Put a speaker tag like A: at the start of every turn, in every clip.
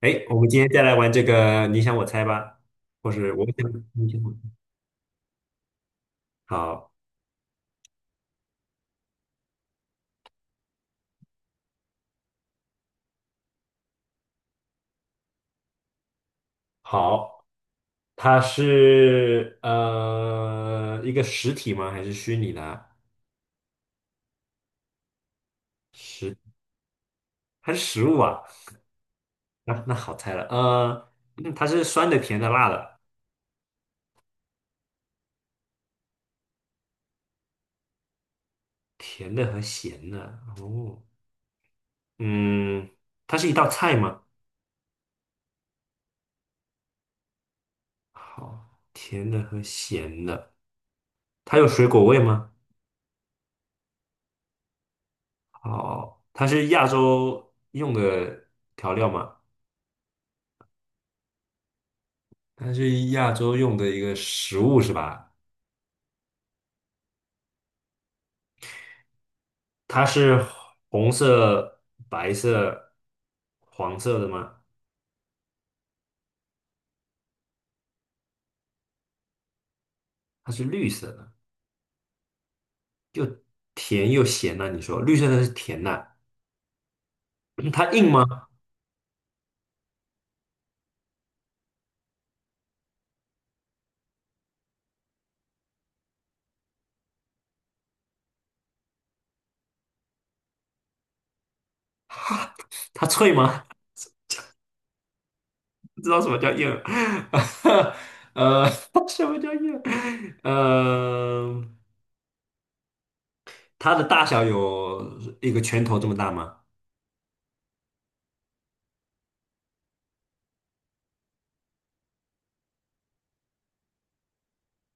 A: 哎，我们今天再来玩这个你想我猜吧，或是我想你想我猜。好，好，它是一个实体吗？还是虚拟的啊实，还是实物啊？那、那好猜了，嗯它是酸的、甜的、辣的，甜的和咸的。哦，嗯，它是一道菜吗？好，甜的和咸的，它有水果味吗？好，它是亚洲用的调料吗？它是亚洲用的一个食物是吧？它是红色、白色、黄色的吗？它是绿色的，甜又咸呐、你说绿色的是甜呐、它硬吗？它脆吗？不知道什么叫硬，呃，什么叫硬？呃，它的大小有一个拳头这么大吗？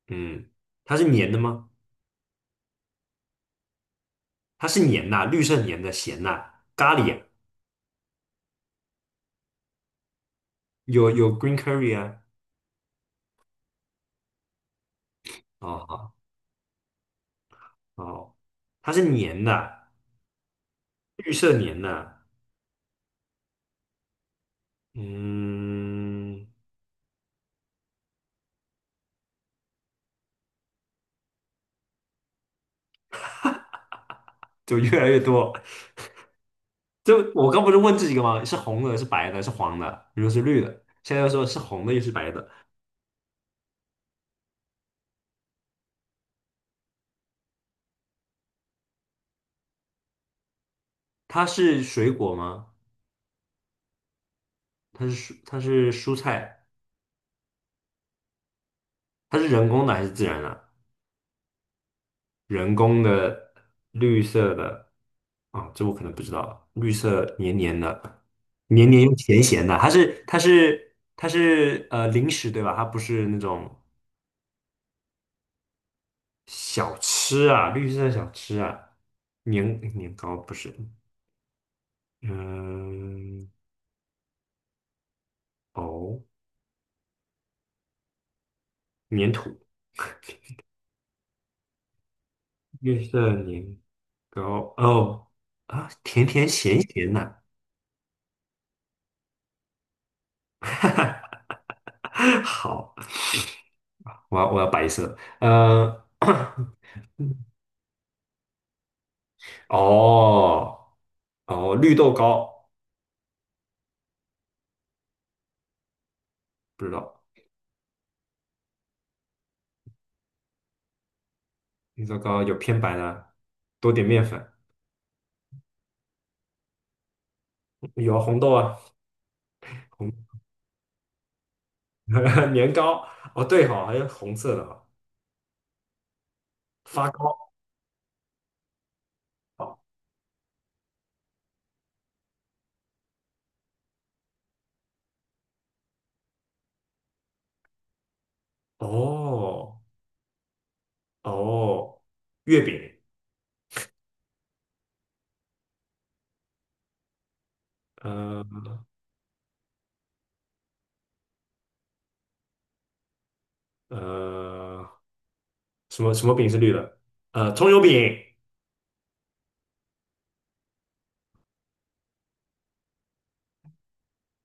A: 嗯，它是黏的吗？它是黏呐、绿色黏的咸呐、咖喱啊有有 green curry 啊，哦。哦，它是粘的，绿色粘的，嗯，就越来越多。就我刚不是问这几个吗？是红的，是白的，是黄的，你说是绿的，现在又说是红的，又是白的。它是水果吗？它是蔬，它是蔬菜，它是人工的还是自然的？人工的绿色的啊，这我可能不知道。绿色黏黏的，黏黏又咸咸的，它是零食对吧？它不是那种。小吃啊，绿色小吃啊，年年糕不是，嗯，哦，粘土，绿色年糕，哦，啊，甜甜咸咸呐、好，我要白色，哦，哦，绿豆糕，不知道，绿豆糕有偏白的，多点面粉，有啊红豆啊，红 年糕，哦对哈、还有红色的哈、发糕，哦。哦，月饼，呃呃，什么什么饼是绿的？葱油饼，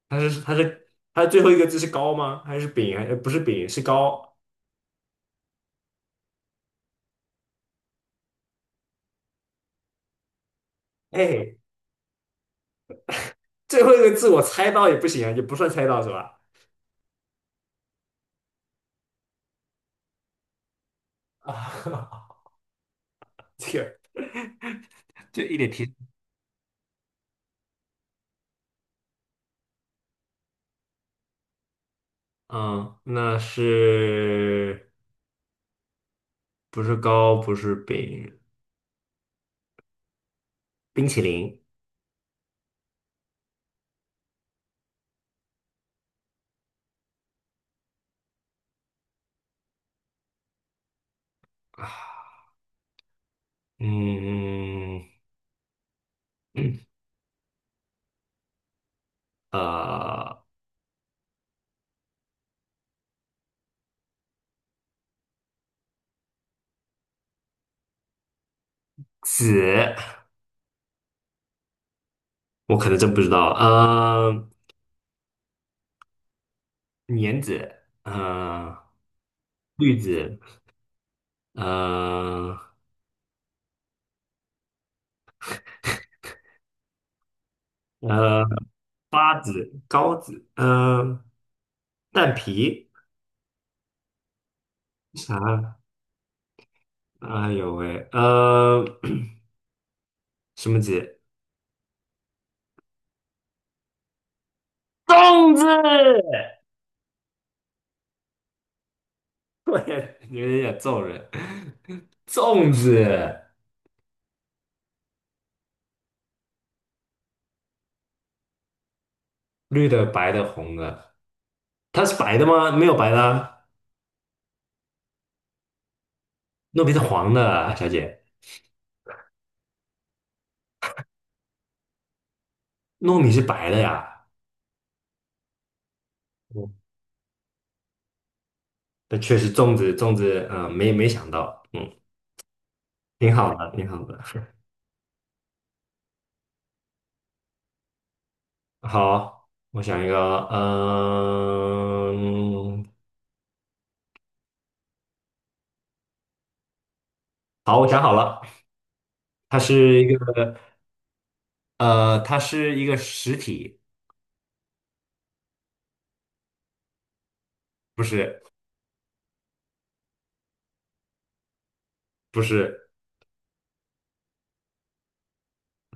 A: 它最后一个字是糕吗？还是饼？还不是饼，是糕。哎，最后一个字我猜到也不行啊，也不算猜到是吧？啊，这个就一点提示。嗯，那是不是糕？不是饼，冰淇淋啊。嗯嗯，呃，紫，我可能真不知道。呃，莲子，嗯，绿子，嗯，呃，八子、高子，嗯，蛋皮，啥？哎呦喂，什么子？粽子！我也有点想揍人。粽子，绿的、白的、红的，它是白的吗？没有白的啊糯米是黄的啊小姐，糯米是白的呀。嗯，那确实，粽子，粽子，嗯、没没想到，嗯，挺好的，挺好的。好，我想一个，嗯，好，我想好了，它是一个，它是一个实体，不是，不是，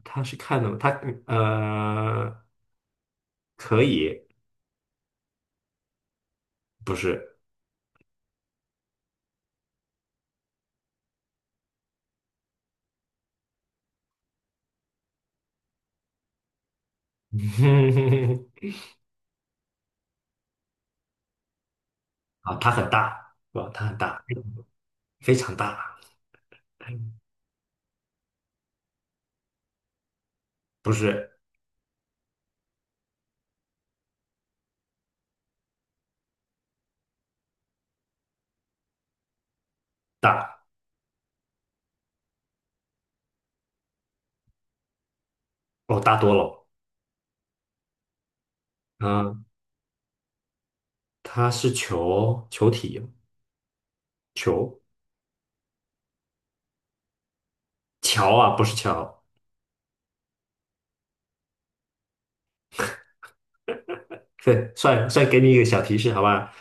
A: 它是看的吗？它，呃，可以，不是，啊，它很大，是吧？它很大，非常大，不是大，哦，大多了，嗯，它是球，球体，球，桥啊，不是桥，对，算算给你一个小提示，好吧？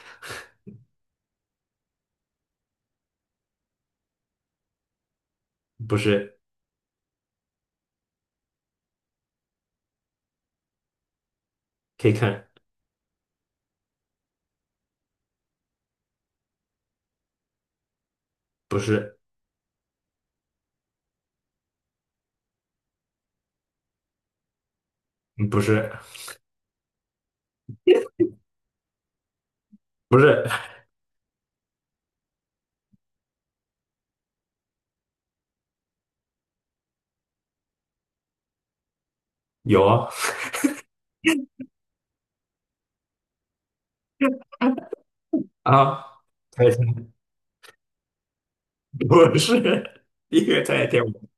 A: 不是。可以看，不是，嗯不是，不是，有啊，猜猜，不是，第一个猜天舞，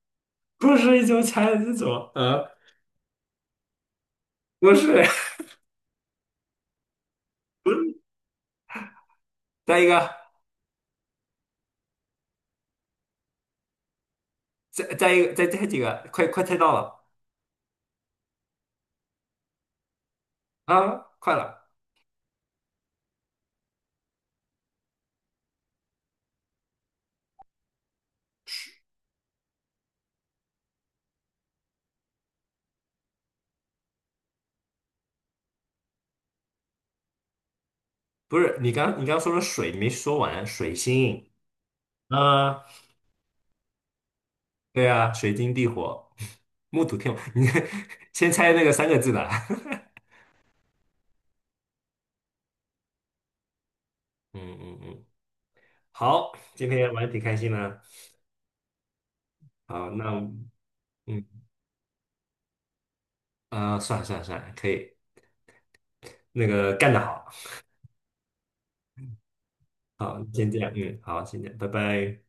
A: 不是一种猜这种，啊？不是，再一个，再再一个，再再几个，快快猜到了啊，快了，不是，你刚你刚说的水没说完，水星，啊，对啊，水晶地火，木土天王，你 先猜那个三个字的，嗯嗯嗯，好，今天玩的挺开心的，好，那我们嗯。啊、算了算了算了，可以，那个干得好，好，先这样，嗯，好，先这样，拜拜。